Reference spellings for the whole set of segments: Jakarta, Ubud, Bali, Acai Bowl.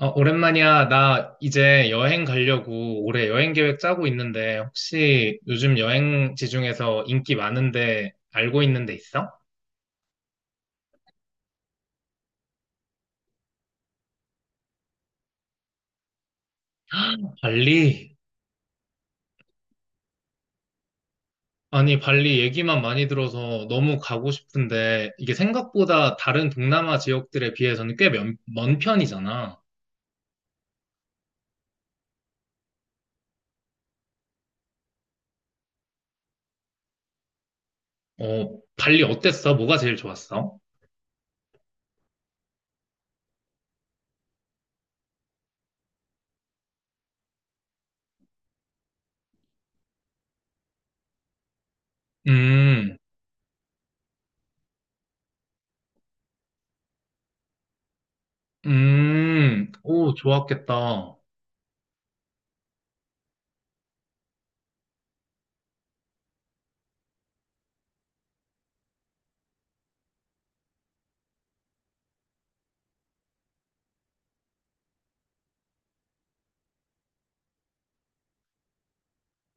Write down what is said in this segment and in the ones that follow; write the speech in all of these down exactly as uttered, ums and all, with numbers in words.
어, 오랜만이야. 나 이제 여행 가려고 올해 여행 계획 짜고 있는데 혹시 요즘 여행지 중에서 인기 많은데 알고 있는 데 있어? 발리? 아니, 발리 얘기만 많이 들어서 너무 가고 싶은데 이게 생각보다 다른 동남아 지역들에 비해서는 꽤 먼, 먼 편이잖아. 어, 발리 어땠어? 뭐가 제일 좋았어? 음, 음, 오, 좋았겠다.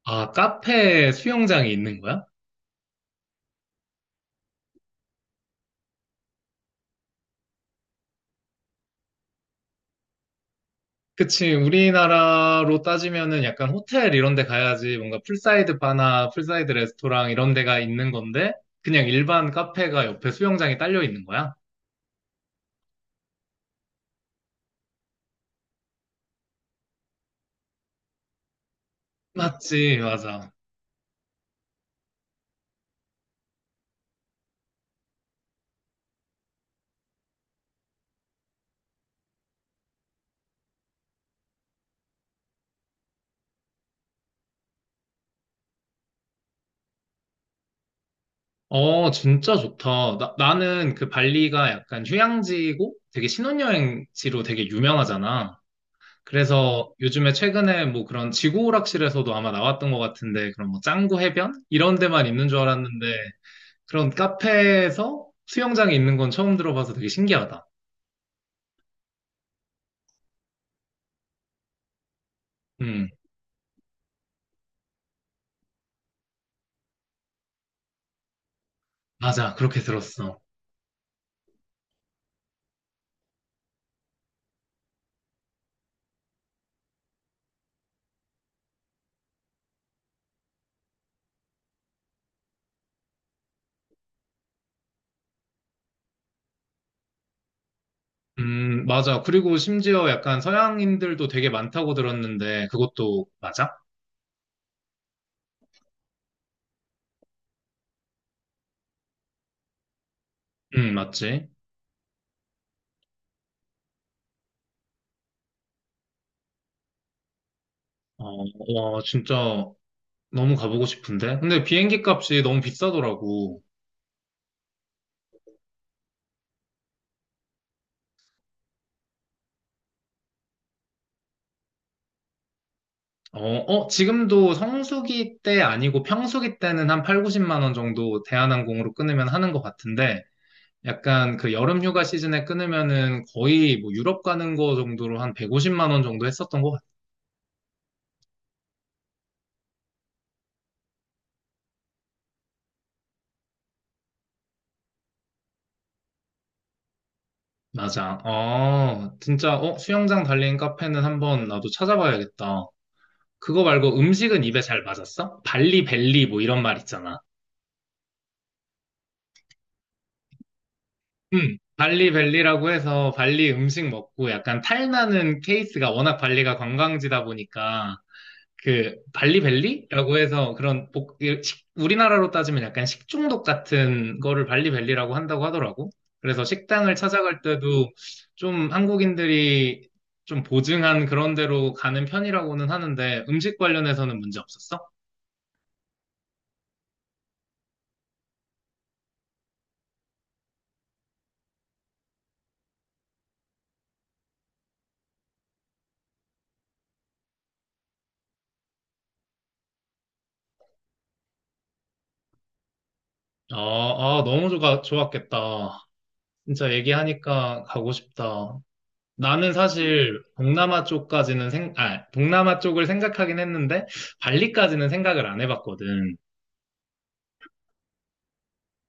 아, 카페 수영장이 있는 거야? 그치, 우리나라로 따지면은 약간 호텔 이런 데 가야지 뭔가 풀사이드 바나 풀사이드 레스토랑 이런 데가 있는 건데 그냥 일반 카페가 옆에 수영장이 딸려 있는 거야? 맞지, 맞아. 어, 진짜 좋다. 나, 나는 그 발리가 약간 휴양지고 되게 신혼여행지로 되게 유명하잖아. 그래서 요즘에 최근에 뭐 그런 지구 오락실에서도 아마 나왔던 것 같은데 그런 뭐 짱구 해변? 이런 데만 있는 줄 알았는데 그런 카페에서 수영장이 있는 건 처음 들어봐서 되게 신기하다. 음, 맞아. 그렇게 들었어. 음, 맞아. 그리고 심지어 약간 서양인들도 되게 많다고 들었는데 그것도 맞아? 음, 맞지. 어, 와, 진짜 너무 가보고 싶은데. 근데 비행기 값이 너무 비싸더라고. 어, 어, 지금도 성수기 때 아니고 평수기 때는 한 팔, 구십만 원 정도 대한항공으로 끊으면 하는 것 같은데 약간 그 여름 휴가 시즌에 끊으면은 거의 뭐 유럽 가는 거 정도로 한 백오십만 원 정도 했었던 것 같아. 맞아. 어, 진짜, 어, 수영장 달린 카페는 한번 나도 찾아봐야겠다. 그거 말고 음식은 입에 잘 맞았어? 발리 벨리 뭐 이런 말 있잖아. 음, 발리 벨리라고 해서 발리 음식 먹고 약간 탈나는 케이스가 워낙 발리가 관광지다 보니까 그 발리벨리라고 해서 그런 복, 이 식- 우리나라로 따지면 약간 식중독 같은 거를 발리벨리라고 한다고 하더라고. 그래서 식당을 찾아갈 때도 좀 한국인들이 좀 보증한 그런 데로 가는 편이라고는 하는데 음식 관련해서는 문제 없었어? 아, 아, 너무 좋아, 좋았겠다. 진짜 얘기하니까 가고 싶다. 나는 사실 동남아 쪽까지는 생, 아, 동남아 쪽을 생각하긴 했는데 발리까지는 생각을 안 해봤거든.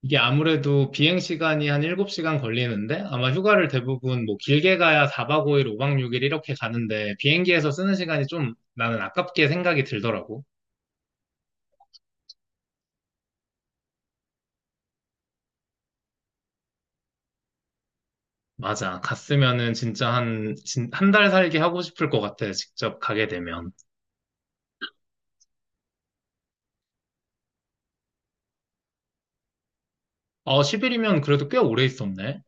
이게 아무래도 비행 시간이 한 일곱 시간 걸리는데 아마 휴가를 대부분 뭐 길게 가야 사 박 오 일, 오 박 육 일 이렇게 가는데 비행기에서 쓰는 시간이 좀 나는 아깝게 생각이 들더라고. 맞아. 갔으면은 진짜 한, 한 달 살기 하고 싶을 것 같아. 직접 가게 되면. 어, 십 일이면 그래도 꽤 오래 있었네.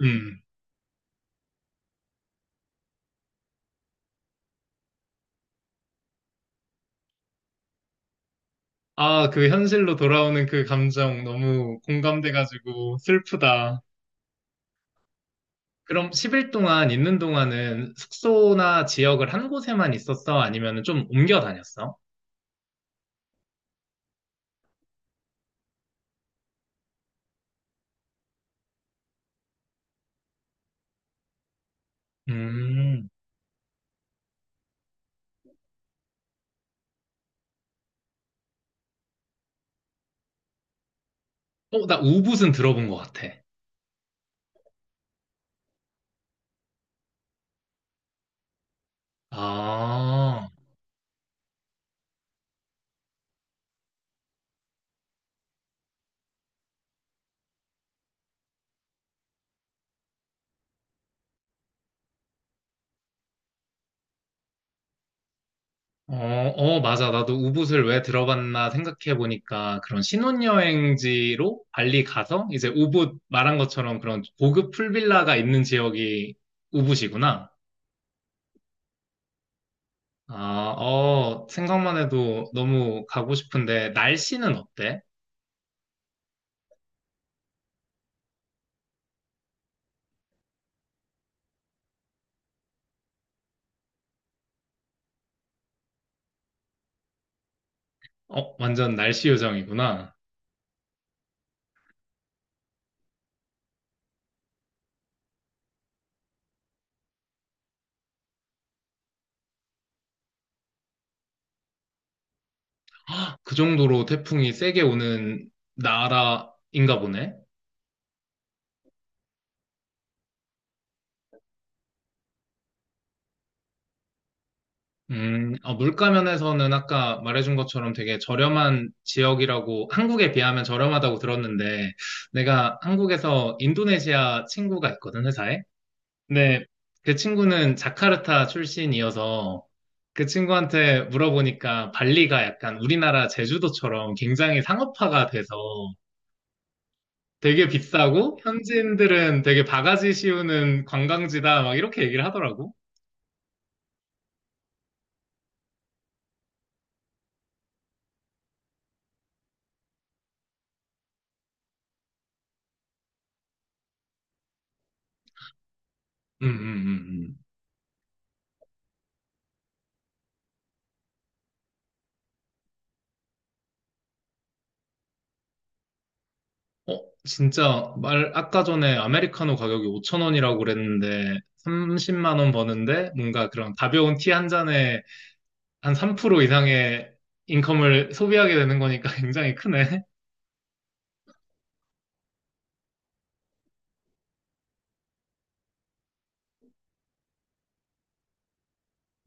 음. 아, 그 현실로 돌아오는 그 감정 너무 공감돼가지고 슬프다. 그럼 십 일 동안 있는 동안은 숙소나 지역을 한 곳에만 있었어? 아니면 좀 옮겨 다녔어? 음, 어, 나 우붓은 들어본 것 같아. 아, 어, 어, 맞아. 나도 우붓을 왜 들어봤나 생각해보니까 그런 신혼여행지로 발리 가서 이제 우붓 말한 것처럼 그런 고급 풀빌라가 있는 지역이 우붓이구나. 아, 어, 생각만 해도 너무 가고 싶은데 날씨는 어때? 어, 완전 날씨 요정이구나. 그 정도로 태풍이 세게 오는 나라인가 보네. 음, 어, 물가면에서는 아까 말해준 것처럼 되게 저렴한 지역이라고 한국에 비하면 저렴하다고 들었는데 내가 한국에서 인도네시아 친구가 있거든, 회사에. 근데 그 친구는 자카르타 출신이어서 그 친구한테 물어보니까 발리가 약간 우리나라 제주도처럼 굉장히 상업화가 돼서 되게 비싸고 현지인들은 되게 바가지 씌우는 관광지다 막 이렇게 얘기를 하더라고. 음, 음, 음, 음. 어, 진짜 말 아까 전에 아메리카노 가격이 오천 원이라고 그랬는데 삼십만 원 버는데 뭔가 그런 가벼운 티 한 잔에 한 삼 프로 이상의 인컴을 소비하게 되는 거니까 굉장히 크네.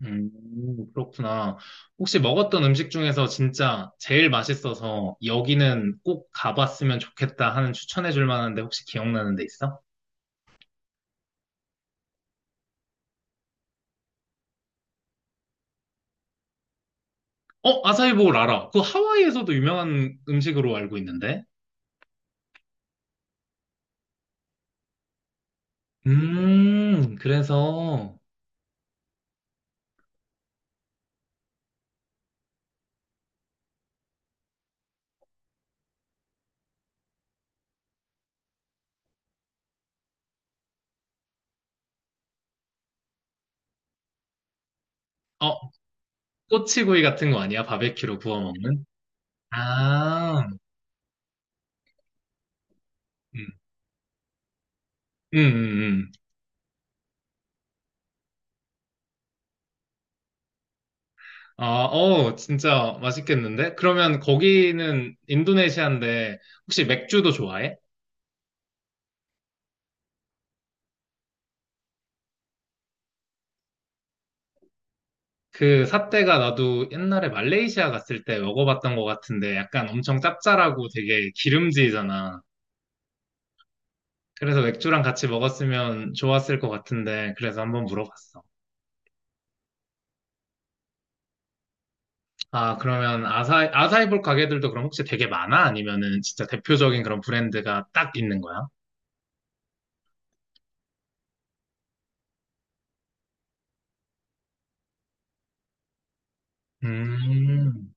음, 그렇구나. 혹시 먹었던 음식 중에서 진짜 제일 맛있어서 여기는 꼭 가봤으면 좋겠다 하는 추천해 줄 만한데 혹시 기억나는 데 있어? 어, 아사이볼 알아. 그 하와이에서도 유명한 음식으로 알고 있는데. 음, 그래서, 어, 꼬치구이 같은 거 아니야? 바베큐로 구워 먹는? 아, 음, 음, 음. 음. 아, 어, 진짜 맛있겠는데? 그러면 거기는 인도네시아인데, 혹시 맥주도 좋아해? 그 삿대가 나도 옛날에 말레이시아 갔을 때 먹어봤던 것 같은데, 약간 엄청 짭짤하고 되게 기름지잖아. 그래서 맥주랑 같이 먹었으면 좋았을 것 같은데, 그래서 한번 물어봤어. 아, 그러면 아사, 아사이볼 가게들도 그럼 혹시 되게 많아? 아니면은 진짜 대표적인 그런 브랜드가 딱 있는 거야? 음.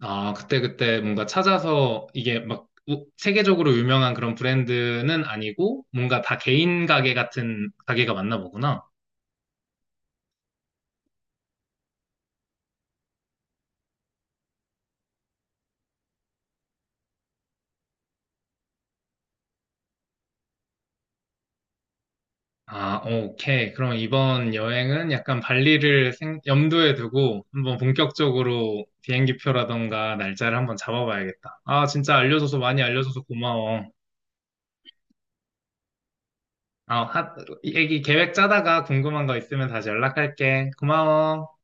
아, 그때그때 뭔가 찾아서 이게 막 우- 세계적으로 유명한 그런 브랜드는 아니고 뭔가 다 개인 가게 같은 가게가 맞나 보구나. 아, 오케이. 그럼 이번 여행은 약간 발리를 생- 염두에 두고 한번 본격적으로 비행기표라던가 날짜를 한번 잡아봐야겠다. 아, 진짜 알려줘서 많이 알려줘서 고마워. 어, 하, 얘기 계획 짜다가 궁금한 거 있으면 다시 연락할게. 고마워.